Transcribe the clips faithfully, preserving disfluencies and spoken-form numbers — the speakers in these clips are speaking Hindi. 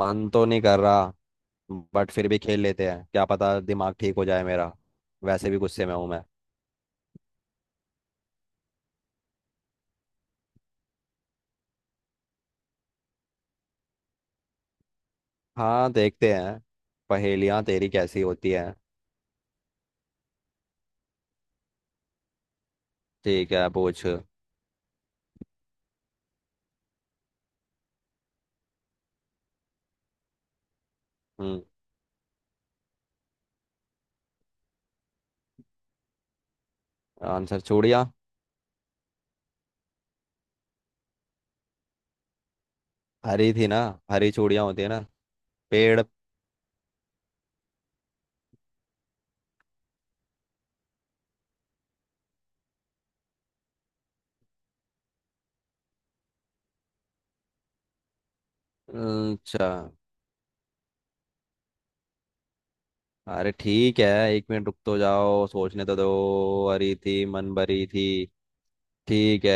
मन तो नहीं कर रहा बट फिर भी खेल लेते हैं, क्या पता दिमाग ठीक हो जाए मेरा। वैसे भी गुस्से में हूं मैं। हाँ, देखते हैं। पहेलियां तेरी कैसी होती हैं? ठीक है, पूछ। हम्म। आंसर चूड़ियां। हरी थी ना, हरी चूड़ियां होती है ना। पेड़। अच्छा। अरे ठीक है, एक मिनट रुक तो जाओ, सोचने तो दो। हरी थी मन भरी थी। ठीक है।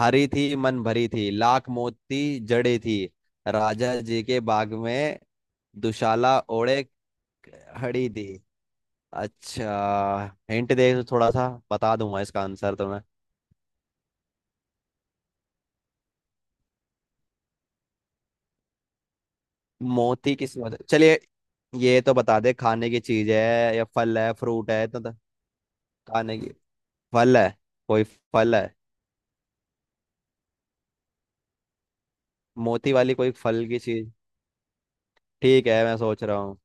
हरी थी मन भरी थी लाख मोती जड़ी थी राजा जी के बाग में दुशाला ओढ़े खड़ी थी। अच्छा। हिंट दे तो थोड़ा सा बता दूंगा इसका आंसर तुम्हें। मोती किस मत चलिए। ये तो बता दे, खाने की चीज है या फल है, फ्रूट है तो तो- खाने की। फल है। कोई फल है। मोती वाली कोई फल की चीज। ठीक है, मैं सोच रहा हूँ।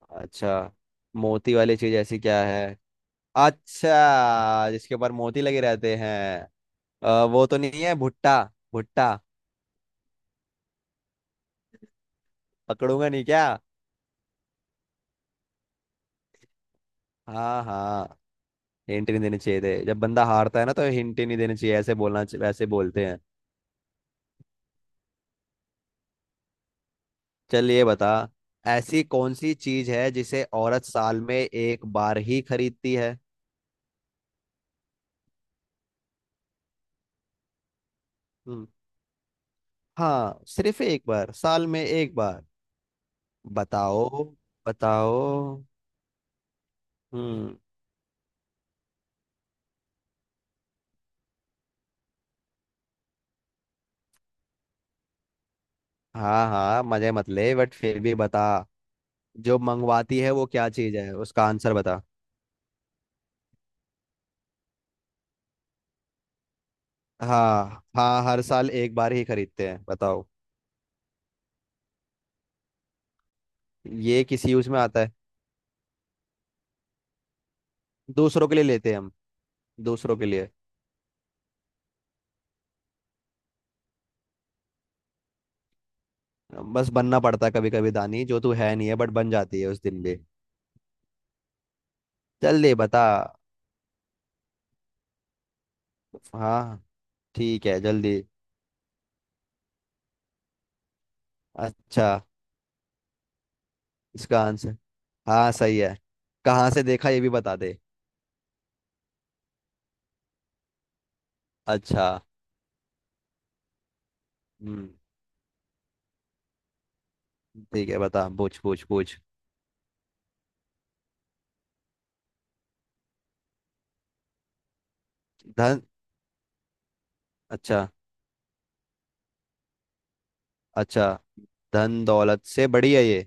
अच्छा, मोती वाली चीज ऐसी क्या है? अच्छा, जिसके ऊपर मोती लगे रहते हैं। अ, वो तो नहीं है भुट्टा? भुट्टा। पकड़ूंगा नहीं क्या? हाँ हाँ, हिंट नहीं देने चाहिए थे। जब बंदा हारता है ना तो हिंट ही नहीं देने चाहिए, ऐसे बोलना च- वैसे बोलते हैं। चल ये बता। ऐसी कौन सी चीज है जिसे औरत साल में एक बार ही खरीदती है? हम्म। हाँ, सिर्फ एक बार, साल में एक बार। बताओ, बताओ। हम्म। हाँ हाँ, मजे मत ले, बट फिर भी बता। जो मंगवाती है वो क्या चीज है उसका आंसर बता। हाँ हाँ, हर साल एक बार ही खरीदते हैं, बताओ। ये किस यूज में आता है? दूसरों के लिए लेते हैं हम। दूसरों के लिए। बस बनना पड़ता है कभी कभी दानी, जो तू है नहीं है बट बन जाती है उस दिन भी। जल्दी बता। हाँ ठीक है, जल्दी। अच्छा। इसका आंसर। हाँ सही है। कहाँ से देखा ये भी बता दे। अच्छा। हम्म। ठीक है, बता, पूछ पूछ पूछ। धन। अच्छा। अच्छा। धन दौलत से बड़ी है ये।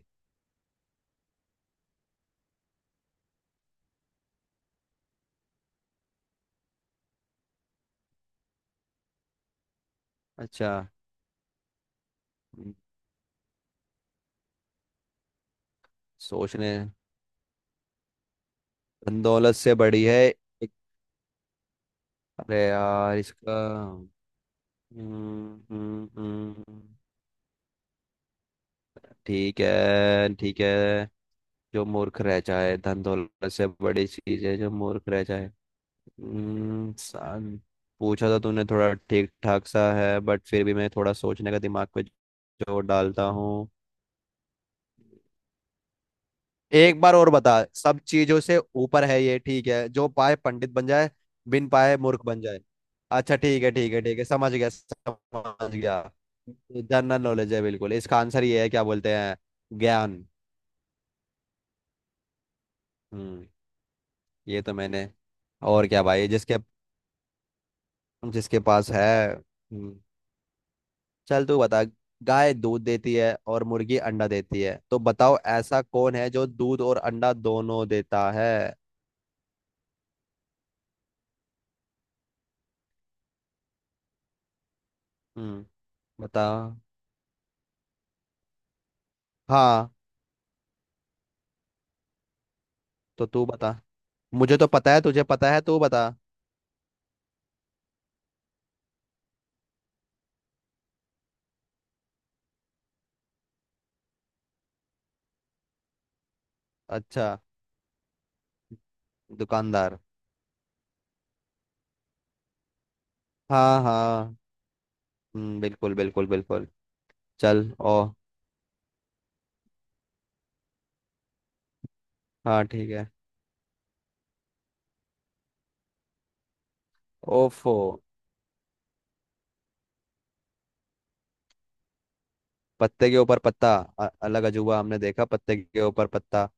अच्छा। हम्म, सोचने। दौलत से बड़ी है। एक- अरे यार इसका। हम्म, हम्म, हम्म। ठीक है ठीक है। जो मूर्ख रह जाए, धन दौलत से बड़ी चीज है जो मूर्ख रह जाए। हम्म, सान- पूछा तो तूने थोड़ा ठीक ठाक सा है, बट फिर भी मैं थोड़ा सोचने का दिमाग पे जोर डालता हूँ। एक बार और बता। सब चीजों से ऊपर है ये, ठीक है, जो पाए पंडित बन जाए, बिन पाए मूर्ख बन जाए। अच्छा ठीक है ठीक है ठीक है, समझ गया समझ गया। जनरल नॉलेज है बिल्कुल इसका आंसर, ये है क्या बोलते हैं, ज्ञान। हम्म। ये तो मैंने। और क्या भाई, जिसके। जिसके पास है। हम्म। चल तू बता। गाय दूध देती है और मुर्गी अंडा देती है, तो बताओ ऐसा कौन है जो दूध और अंडा दोनों देता है? हम्म। बता। हाँ। तो तू बता। मुझे तो पता है, तुझे पता है, तू बता। अच्छा। दुकानदार। हाँ हाँ। हम्म, बिल्कुल बिल्कुल बिल्कुल। चल ओ। हाँ ठीक है। ओफो। पत्ते के ऊपर पत्ता। अ- अलग अजूबा हमने देखा पत्ते के ऊपर पत्ता।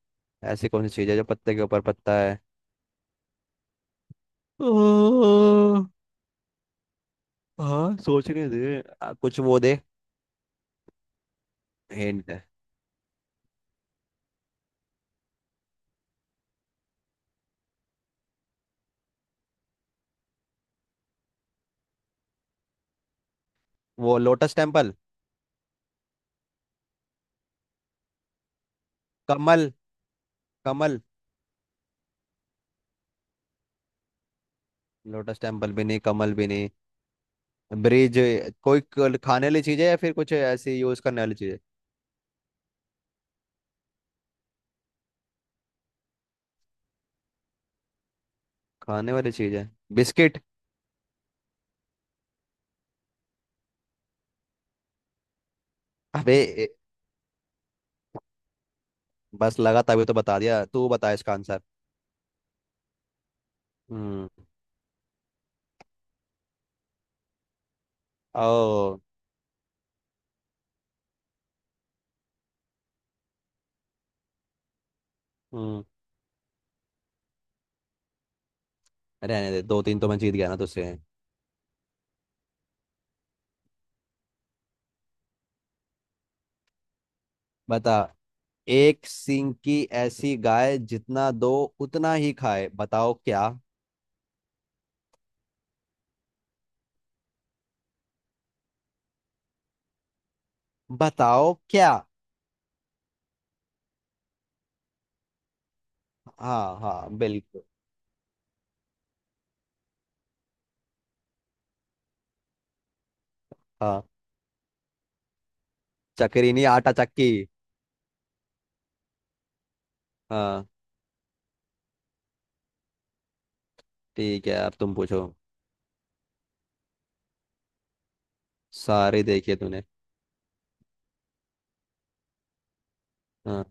ऐसी कौन सी चीज है जो पत्ते के ऊपर पत्ता है? ओ, हाँ सोचने दे, आ, कुछ वो दे। हिंट। वो लोटस टेम्पल। कमल। कमल। लोटस टेम्पल भी नहीं, कमल भी नहीं। ब्रिज। कोई कल- खाने वाली चीज है या फिर कुछ ऐसी यूज करने वाली चीज है? खाने वाली चीज है। बिस्किट। अबे। ए- बस लगा, तभी तो बता दिया। तू बता इसका आंसर। हम्म। ओ। हम्म। रहने दे, दो तीन तो मैं जीत गया ना तुझसे। बता। एक सींग की ऐसी गाय जितना दो उतना ही खाए, बताओ क्या? बताओ क्या? हाँ हाँ, बिल्कुल। हाँ। चक्री नहीं, आटा चक्की। हाँ, ठीक है अब तुम पूछो। सारे देखे तूने। हाँ।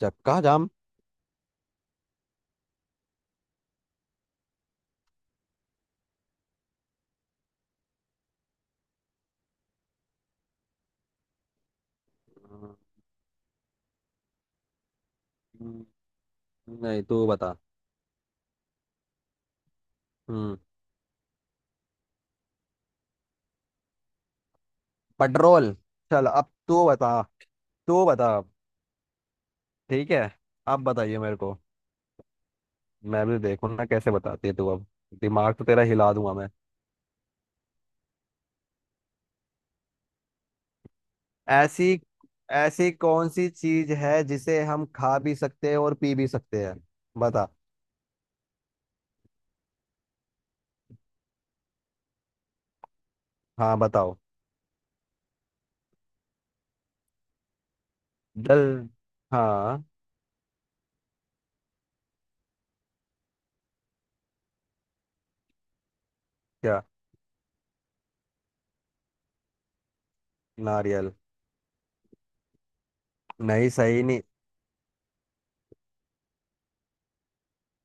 चक्का जाम। हम्म, नहीं तू बता। हम्म। पेट्रोल। चल अब तू बता। तू बता। ठीक है, अब बताइए मेरे को। मैं भी देखूँ ना कैसे बताती है तू अब। दिमाग तो तेरा हिला दूंगा मैं। ऐसी। ऐसी कौन सी चीज है जिसे हम खा भी सकते हैं और पी भी सकते हैं? बता। हाँ बताओ। जल। हाँ। क्या? नारियल? नहीं, सही नहीं।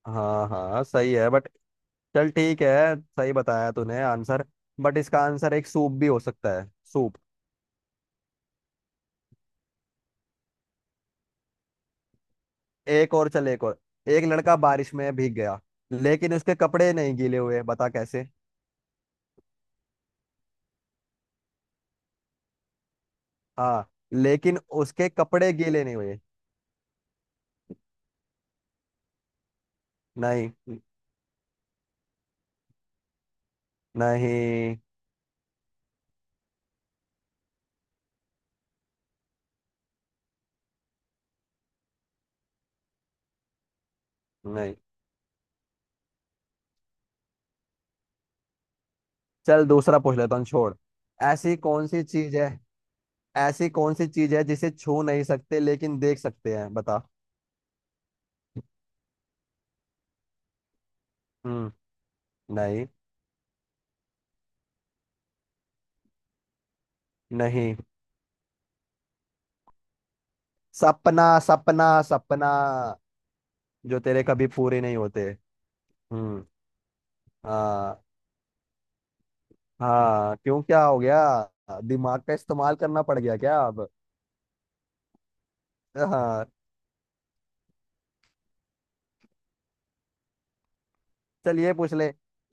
हाँ हाँ, सही है बट। चल ठीक है, सही बताया तूने आंसर। बट इसका आंसर एक सूप भी हो सकता है, सूप। एक और चल, एक और। एक लड़का बारिश में भीग गया लेकिन उसके कपड़े नहीं गीले हुए, बता कैसे? हाँ, लेकिन उसके कपड़े गीले नहीं हुए। नहीं। नहीं। नहीं, चल दूसरा पूछ लेता हूँ छोड़। ऐसी कौन सी चीज है। ऐसी कौन सी चीज है जिसे छू नहीं सकते लेकिन देख सकते हैं, बता। हम्म। नहीं। नहीं। सपना सपना सपना, जो तेरे कभी पूरे नहीं होते। हम्म। हाँ। हाँ, क्यों क्या हो गया, दिमाग का इस्तेमाल करना पड़ गया क्या अब? हाँ। चल ये पूछ ले।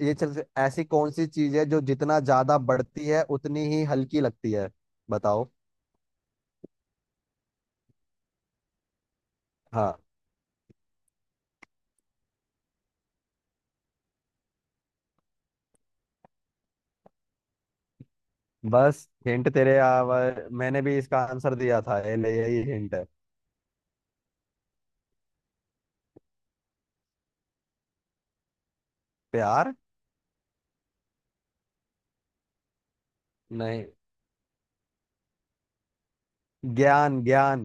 ये चल से- ऐसी कौन सी चीज है जो जितना ज्यादा बढ़ती है उतनी ही हल्की लगती है, बताओ? हाँ। बस हिंट तेरे आवर मैंने भी इसका आंसर दिया था ये ले, यही हिंट है। प्यार। नहीं। ज्ञान ज्ञान।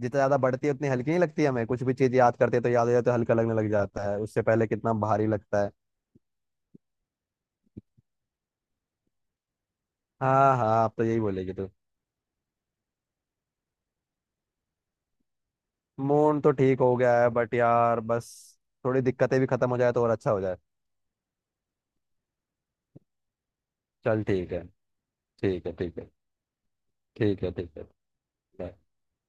जितना ज्यादा बढ़ती है उतनी हल्की नहीं लगती, हमें कुछ भी चीज याद करते हैं तो याद हो जाए तो हल्का लगने लग जाता है, उससे पहले कितना भारी लगता है। हाँ हाँ, आप तो यही बोलेगी तू। मून तो ठीक हो गया है बट यार, बस थोड़ी दिक्कतें भी खत्म हो जाए तो और अच्छा हो जाए। चल ठीक है ठीक है ठीक है ठीक है ठीक है। bye.